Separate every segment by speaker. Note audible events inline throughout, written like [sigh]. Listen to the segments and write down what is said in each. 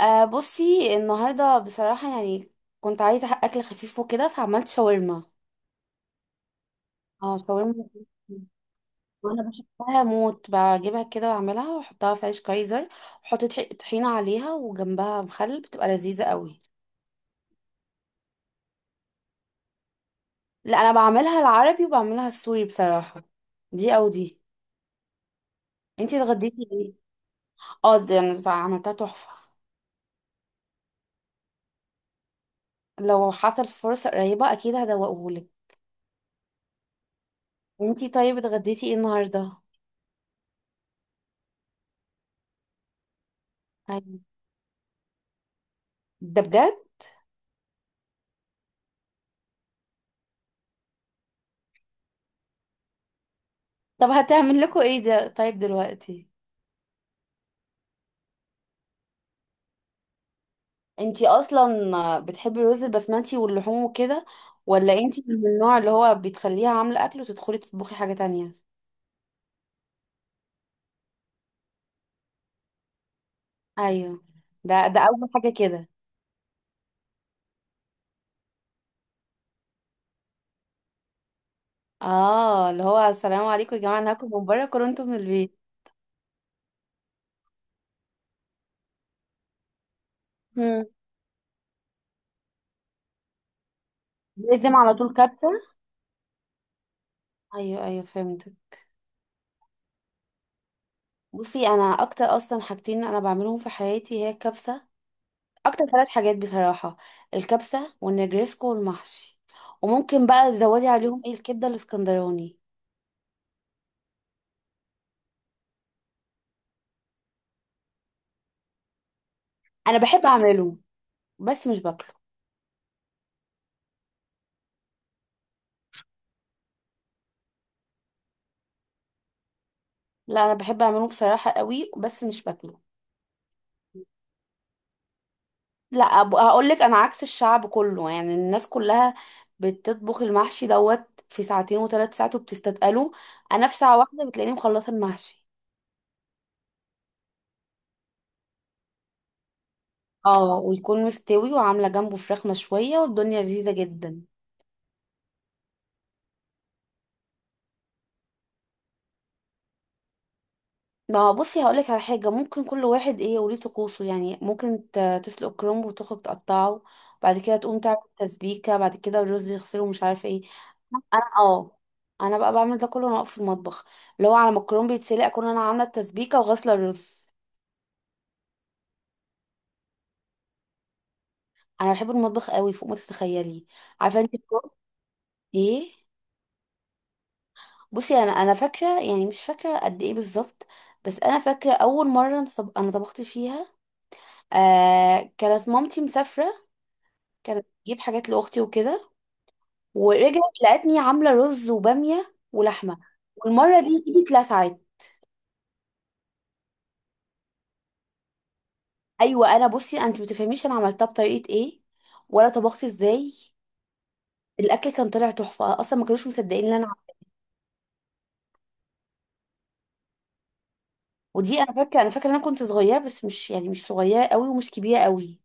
Speaker 1: أه بصي النهارده بصراحه يعني كنت عايزه اكل خفيف وكده فعملت شاورما. اه شاورما، وانا بحبها موت، بجيبها كده واعملها واحطها في عيش كايزر، واحط طحينه عليها وجنبها مخلل، بتبقى لذيذه قوي. لا انا بعملها العربي وبعملها السوري بصراحه، دي او دي. انتي اتغديتي ايه؟ اه دي انا عملتها تحفه. لو حصل فرصه قريبه اكيد هدوقهولك. انتي طيب، اتغديتي ايه النهارده؟ أيوة. ده بجد؟ طب هتعمل لكم ايه ده طيب دلوقتي؟ انتي اصلا بتحبي الرز البسمتي واللحوم وكده، ولا انتي [laughs] من النوع اللي هو بتخليها عامله اكل وتدخلي تطبخي حاجه تانية؟ ايوه، ده اول حاجه كده. اه اللي هو السلام عليكم يا جماعه، انا هاكل من بره كورنتو من البيت. هم. لازم على طول كبسه. ايوه ايوه، فهمتك. بصي انا اكتر اصلا حاجتين انا بعملهم في حياتي هي الكبسه، اكتر ثلاث حاجات بصراحه: الكبسه والنجريسكو والمحشي. وممكن بقى تزودي عليهم ايه الكبده الاسكندراني. انا بحب اعمله بس مش باكله. لا انا بحب اعمله بصراحه قوي بس مش باكله. لا هقول لك، انا عكس الشعب كله، يعني الناس كلها بتطبخ المحشي دوت في ساعتين وثلاث ساعات وبتستتقله، انا في ساعه واحده بتلاقيني مخلصه المحشي. اه، ويكون مستوي وعامله جنبه فراخ مشويه والدنيا لذيذه جدا. ما هو بصي هقولك على حاجة، ممكن كل واحد ايه وليه طقوسه، يعني ممكن تسلق كرنب وتخرج تقطعه، بعد كده تقوم تعمل تسبيكة، بعد كده الرز يغسله مش عارفة ايه. انا اه، انا بقى بعمل ده كله وانا واقفة في المطبخ، اللي هو على ما الكرنب يتسلق اكون انا عاملة التسبيكة وغاسلة الرز. انا بحب المطبخ قوي فوق ما تتخيلي. عارفة انت الكرنب ايه؟ بصي انا فاكرة، يعني مش فاكرة قد ايه بالظبط، بس انا فاكرة اول مرة انا أنا طبخت فيها، آه كانت مامتي مسافرة، كانت بتجيب حاجات لاختي وكده، ورجعت لقتني عامله رز وباميه ولحمه. والمره دي ايدي اتلسعت. ايوه انا بصي، انت ما تفهميش انا عملتها بطريقه ايه، ولا طبخت ازاي. الاكل كان طلع تحفه اصلا، ما كانوش مصدقين ان انا ودي انا فاكره، انا فاكره ان انا كنت صغيره، بس مش يعني مش صغيره قوي ومش كبيره قوي.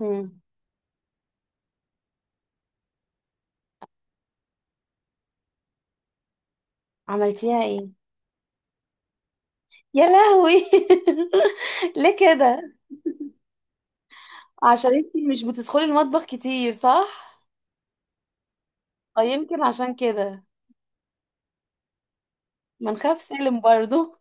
Speaker 1: امم. عملتيها ايه؟ يا لهوي [laughs] ليه كده؟ عشان انت مش بتدخلي المطبخ كتير، صح؟ او يمكن عشان كده. ما نخاف سالم برضو.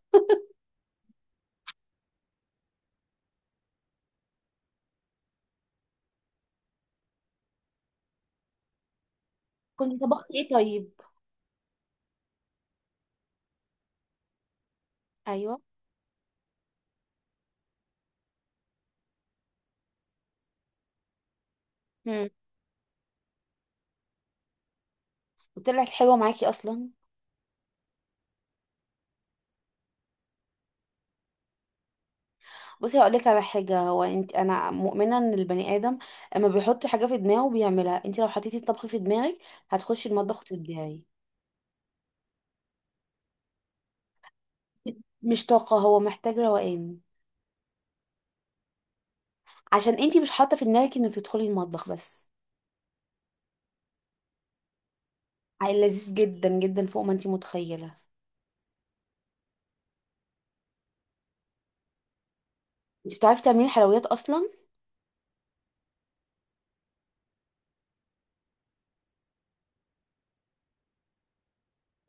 Speaker 1: كنت طبخت ايه طيب؟ ايوه. امم. وطلعت حلوه معاكي اصلا؟ بصي هقول لك على حاجه، هو انت انا مؤمنه ان البني ادم اما بيحط حاجه في دماغه بيعملها، انت لو حطيتي الطبخ في دماغك هتخشي المطبخ وتبدعي. مش طاقه، هو محتاج روقان. عشان انت مش حاطه في دماغك انك تدخلي المطبخ بس. عيل لذيذ جدا جدا فوق ما انت متخيله. انت بتعرفي تعملي حلويات اصلا؟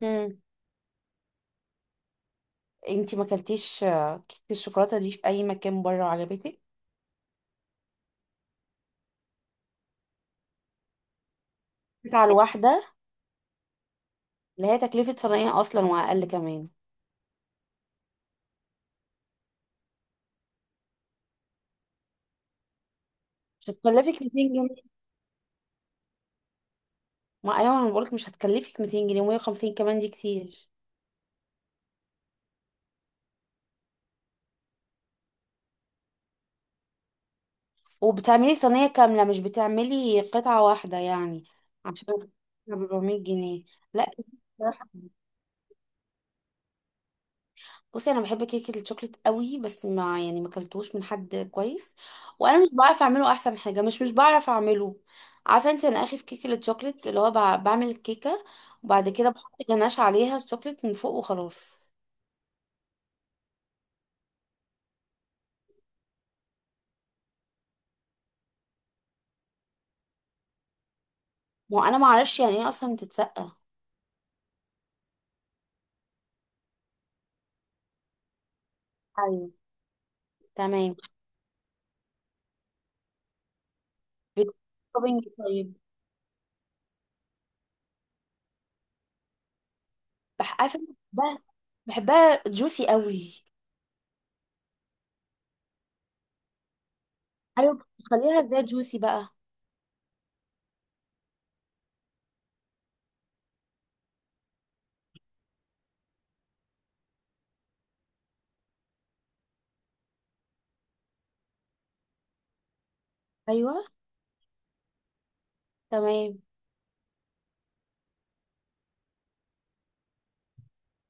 Speaker 1: امم. انت ما اكلتيش آه، كيكه الشوكولاته دي في اي مكان بره وعجبتك؟ على الواحده؟ اللي هي تكلفه صنايع اصلا واقل كمان. مش هتكلفك 200 جنيه. ما ايوه انا بقولك مش هتكلفك 200 جنيه و150 كمان دي كتير. وبتعملي صينية كاملة مش بتعملي قطعة واحدة يعني؟ عشان 400 جنيه. لا كتير بصراحة. بصي انا بحب كيكة الشوكليت قوي، بس ما يعني ما اكلتوش من حد كويس، وانا مش بعرف اعمله احسن حاجة، مش بعرف اعمله. عارفة انت انا اخي في كيكة الشوكليت اللي هو بعمل الكيكة وبعد كده بحط جناش عليها الشوكليت من فوق وخلاص. ما انا ما اعرفش يعني ايه اصلا تتسقى. ايوه. تمام. بالتوبينج طيب. عارفه، بحبها، بحبها جوسي قوي. ايوه، بخليها ازاي جوسي بقى؟ ايوه تمام.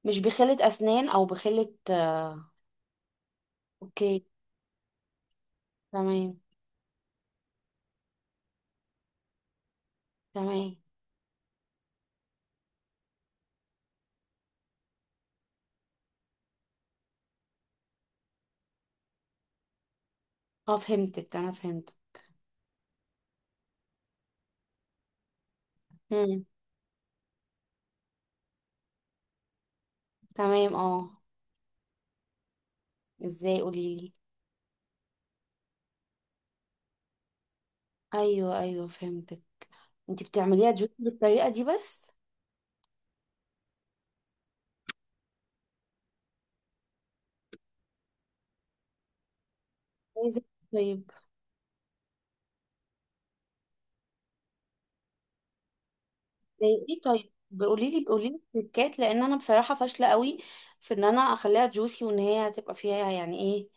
Speaker 1: مش بخلة اسنان او بخلة آه. اوكي. تمام. تمام اه. فهمتك، انا فهمت. مم. تمام اه. ازاي؟ قولي لي. ايوه ايوه فهمتك. انت بتعمليها جوسي بالطريقه دي بس؟ عايزة- طيب، زي ايه طيب؟ قولي لي قولي لي تريكات، لان انا بصراحه فاشله قوي في ان انا اخليها جوسي، وان هي هتبقى فيها يعني ايه،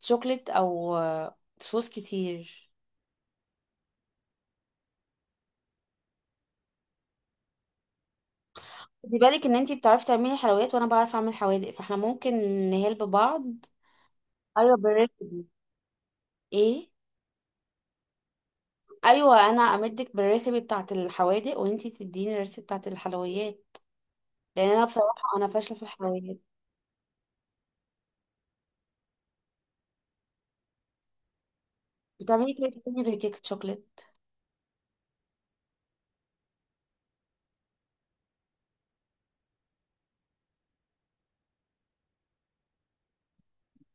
Speaker 1: شوكليت او آه، صوص كتير. خدي بالك ان انتي بتعرفي تعملي حلويات وانا بعرف اعمل حوادق، فاحنا ممكن نهلب بعض. ايوه بالريسبي. ايه؟ ايوه انا امدك بالريسبي بتاعه الحوادق وانتي تديني الريسبي بتاعه الحلويات. لان انا بصراحه انا فاشله في الحلويات. بتعملي كيكه تاني غير كيكه شوكليت؟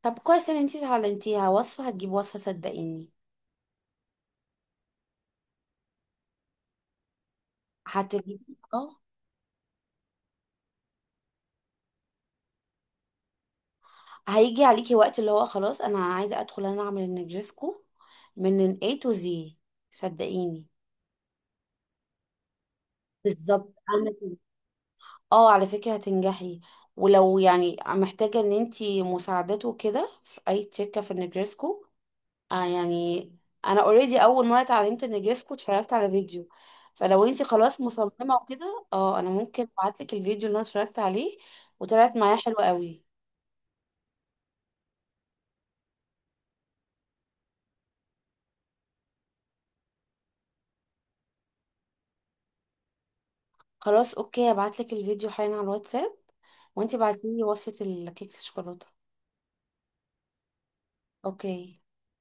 Speaker 1: طب كويس ان انتي اتعلمتيها. وصفه هتجيب وصفه صدقيني. هتجيبي اه. هيجي عليكي وقت اللي هو خلاص انا عايزه ادخل انا اعمل النجرسكو من ال A to Z، صدقيني. بالظبط انا كده. اه على فكره هتنجحي، ولو يعني محتاجه ان انتي مساعدته كده في اي تكه في النجرسكو، آه يعني، انا اوريدي اول مره اتعلمت النجرسكو اتفرجت على فيديو، فلو انتي خلاص مصممه وكده، اه انا ممكن ابعتلك الفيديو اللي انا اتفرجت عليه وطلعت معايا حلوه قوي. خلاص اوكي، ابعتلك الفيديو حالا على الواتساب، وانتي بعتيلي وصفة الكيك الشوكولاتة. اوكي.